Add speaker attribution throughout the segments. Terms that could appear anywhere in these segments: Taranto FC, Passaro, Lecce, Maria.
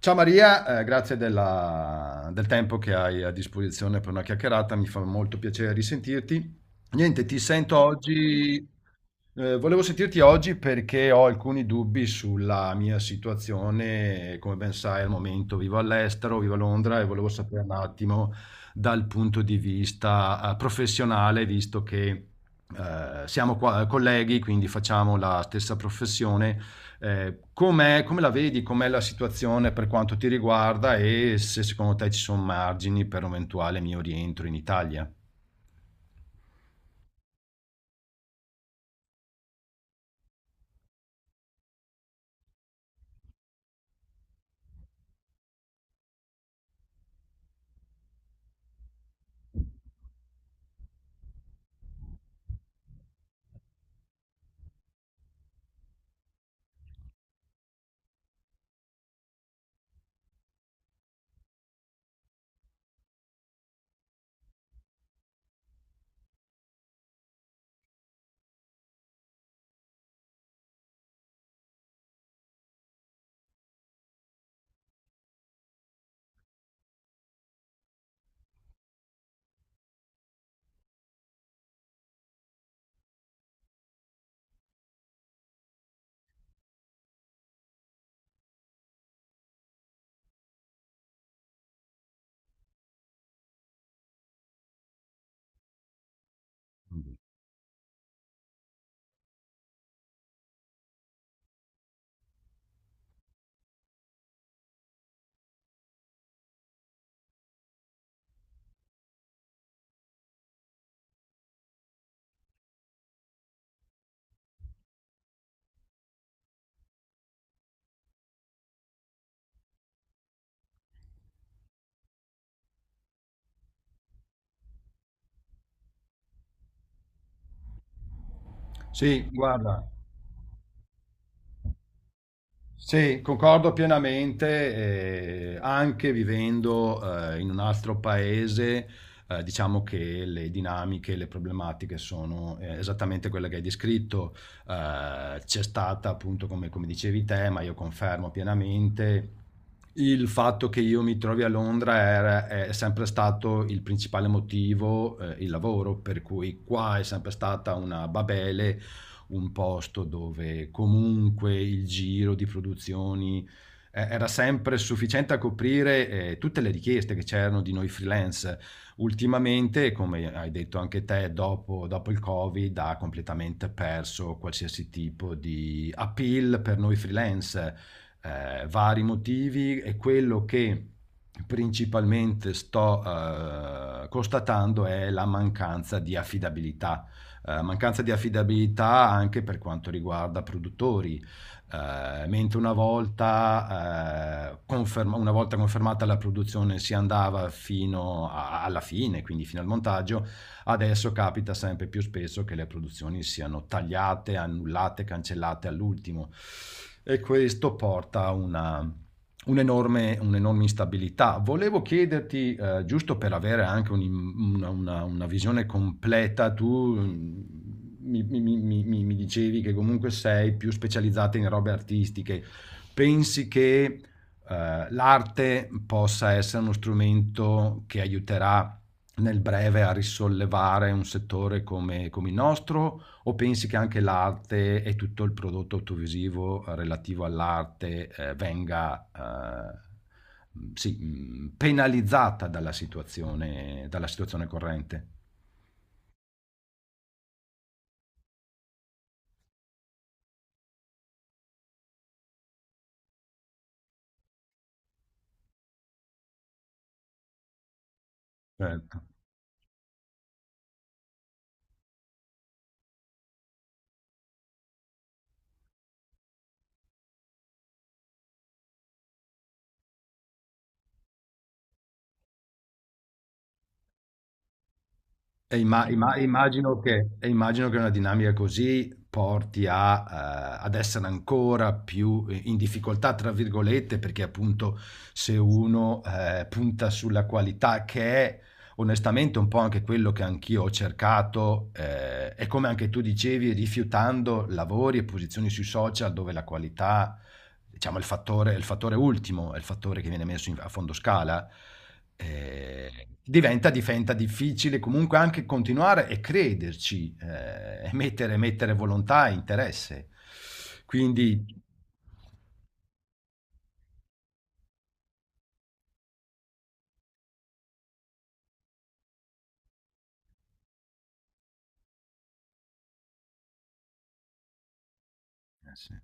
Speaker 1: Ciao Maria, grazie del tempo che hai a disposizione per una chiacchierata, mi fa molto piacere risentirti. Niente, ti sento oggi, volevo sentirti oggi perché ho alcuni dubbi sulla mia situazione. Come ben sai, al momento vivo all'estero, vivo a Londra e volevo sapere un attimo dal punto di vista, professionale, visto che, colleghi, quindi facciamo la stessa professione come la vedi, com'è la situazione per quanto ti riguarda e se secondo te ci sono margini per un eventuale mio rientro in Italia? Sì, guarda. Sì, concordo pienamente, anche vivendo in un altro paese, diciamo che le dinamiche, le problematiche sono esattamente quelle che hai descritto. C'è stata appunto, come, come dicevi te, ma io confermo pienamente, il fatto che io mi trovi a Londra è sempre stato il principale motivo, il lavoro, per cui qua è sempre stata una babele, un posto dove comunque il giro di produzioni era sempre sufficiente a coprire tutte le richieste che c'erano di noi freelance. Ultimamente, come hai detto anche te, dopo il Covid ha completamente perso qualsiasi tipo di appeal per noi freelance, vari motivi e quello che principalmente sto constatando è la mancanza di affidabilità, mancanza di affidabilità anche per quanto riguarda produttori. Mentre una volta, una volta confermata la produzione si andava alla fine, quindi fino al montaggio, adesso capita sempre più spesso che le produzioni siano tagliate, annullate, cancellate all'ultimo e questo porta a una un'enorme, un'enorme instabilità. Volevo chiederti, giusto per avere anche una visione completa, tu mi dicevi che comunque sei più specializzata in robe artistiche. Pensi che l'arte possa essere uno strumento che aiuterà nel breve a risollevare un settore come come il nostro? O pensi che anche l'arte e tutto il prodotto audiovisivo relativo all'arte, venga, sì, penalizzata dalla situazione, dalla situazione corrente? Cioè immagino che, e immagino che una dinamica così porti a, ad essere ancora più in difficoltà, tra virgolette, perché appunto se uno punta sulla qualità, che è onestamente un po' anche quello che anch'io ho cercato, e come anche tu dicevi, rifiutando lavori e posizioni sui social dove la qualità, diciamo, il fattore ultimo, è il fattore che viene messo a fondo scala, diventa difficile comunque anche continuare e crederci, mettere volontà e interesse. Quindi, eh sì,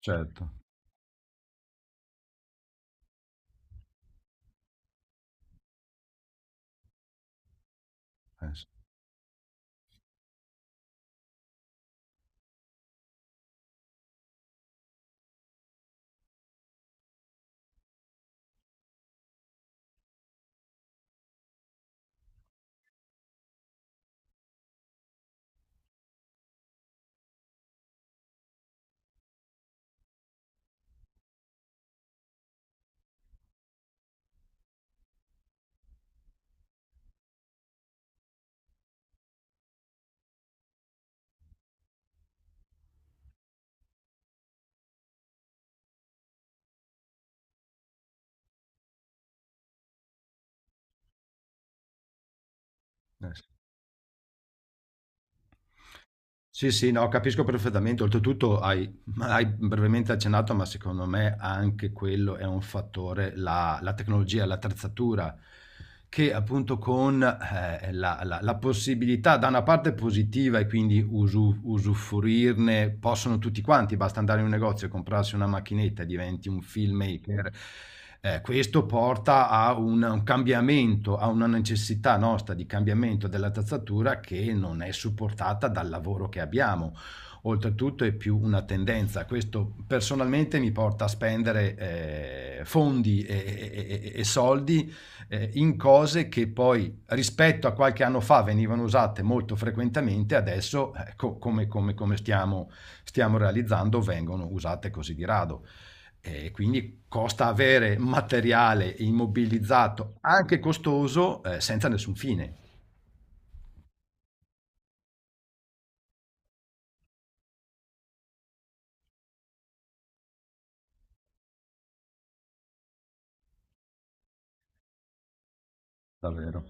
Speaker 1: certo. Eh sì, eh sì. Sì, sì, no, capisco perfettamente. Oltretutto hai, ma hai brevemente accennato, ma secondo me anche quello è un fattore, la tecnologia, l'attrezzatura che appunto con, la possibilità da una parte positiva e quindi usufruirne possono tutti quanti, basta andare in un negozio e comprarsi una macchinetta e diventi un filmmaker. Questo porta a un cambiamento, a una necessità nostra di cambiamento dell'attrezzatura che non è supportata dal lavoro che abbiamo. Oltretutto è più una tendenza, questo personalmente mi porta a spendere fondi e, e soldi in cose che poi rispetto a qualche anno fa venivano usate molto frequentemente, adesso come, come stiamo, stiamo realizzando vengono usate così di rado. E quindi costa avere materiale immobilizzato, anche costoso, senza nessun fine. Davvero.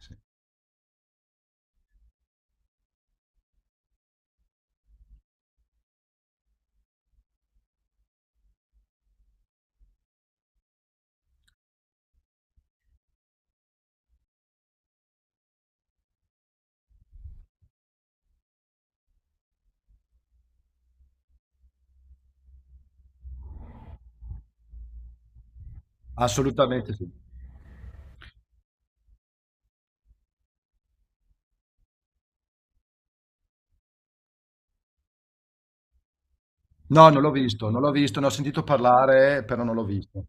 Speaker 1: Sì. Assolutamente sì. No, non l'ho visto, non l'ho visto, ne ho sentito parlare, però non l'ho visto.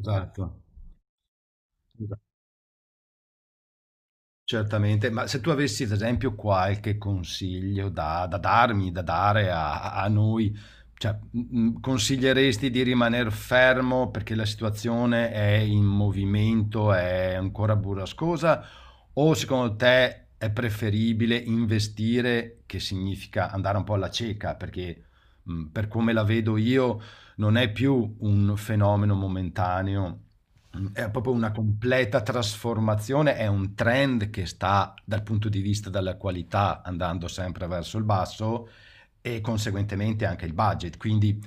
Speaker 1: Esatto. Esa- Certamente. Ma se tu avessi, ad esempio, qualche consiglio da, da darmi, da dare a, a noi, cioè, consiglieresti di rimanere fermo perché la situazione è in movimento, è ancora burrascosa? O secondo te è preferibile investire, che significa andare un po' alla cieca, perché per come la vedo io non è più un fenomeno momentaneo, è proprio una completa trasformazione, è un trend che sta dal punto di vista della qualità andando sempre verso il basso e conseguentemente anche il budget. Quindi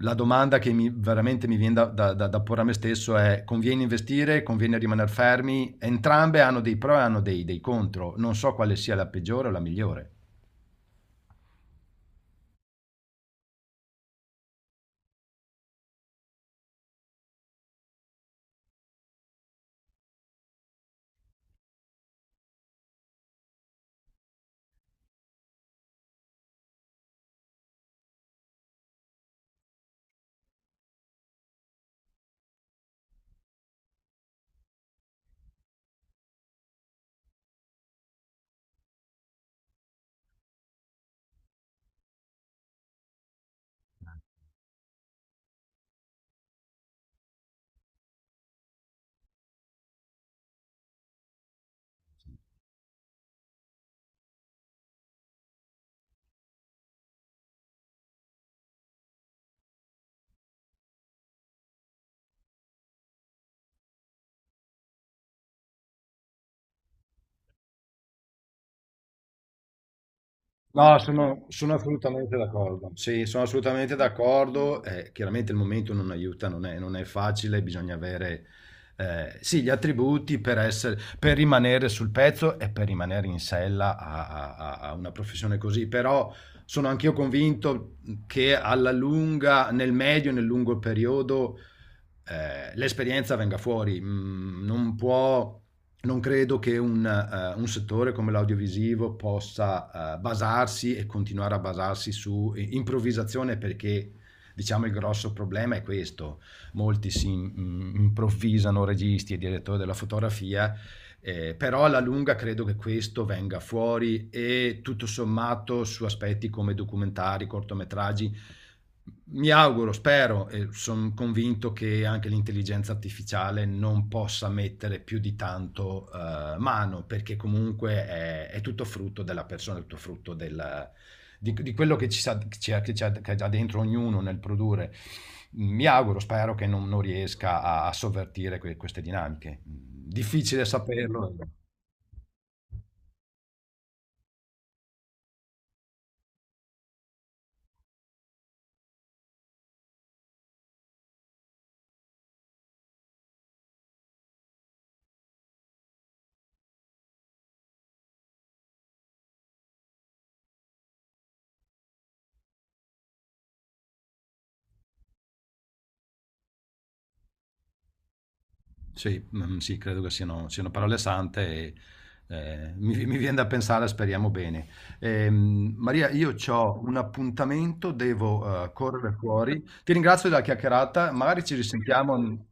Speaker 1: la domanda che mi, veramente mi viene da, da porre a me stesso è: conviene investire, conviene rimanere fermi? Entrambe hanno dei pro e hanno dei, dei contro. Non so quale sia la peggiore o la migliore. No, sono, sono assolutamente d'accordo. Sì, sono assolutamente d'accordo. Chiaramente il momento non aiuta, non è, non è facile, bisogna avere sì, gli attributi per essere, per rimanere sul pezzo e per rimanere in sella a, a una professione così. Però sono anch'io convinto che alla lunga, nel medio e nel lungo periodo, l'esperienza venga fuori. Mm, non può, non credo che un settore come l'audiovisivo possa basarsi e continuare a basarsi su improvvisazione, perché diciamo il grosso problema è questo. Molti si improvvisano registi e direttori della fotografia. Però alla lunga credo che questo venga fuori e tutto sommato su aspetti come documentari, cortometraggi, mi auguro, spero e son convinto che anche l'intelligenza artificiale non possa mettere più di tanto, mano, perché comunque è tutto frutto della persona, è tutto frutto del di quello che ci sa ci ha che c'ha che ha già dentro ognuno nel produrre. Mi auguro, spero che non riesca a sovvertire queste dinamiche. Mhmm, Difficile saperlo. Eh. Sì, sì, credo che siano, siano parole sante e mi, mi viene da pensare, speriamo bene. Maria, io ho un appuntamento, devo correre fuori. Ti ringrazio della chiacchierata, magari ci risentiamo.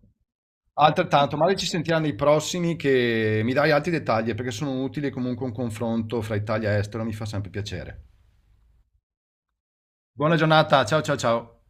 Speaker 1: Altrettanto, magari ci sentirà nei prossimi che mi dai altri dettagli perché sono utili comunque un confronto fra Italia e estero, mi fa sempre piacere. Buona giornata, ciao ciao ciao.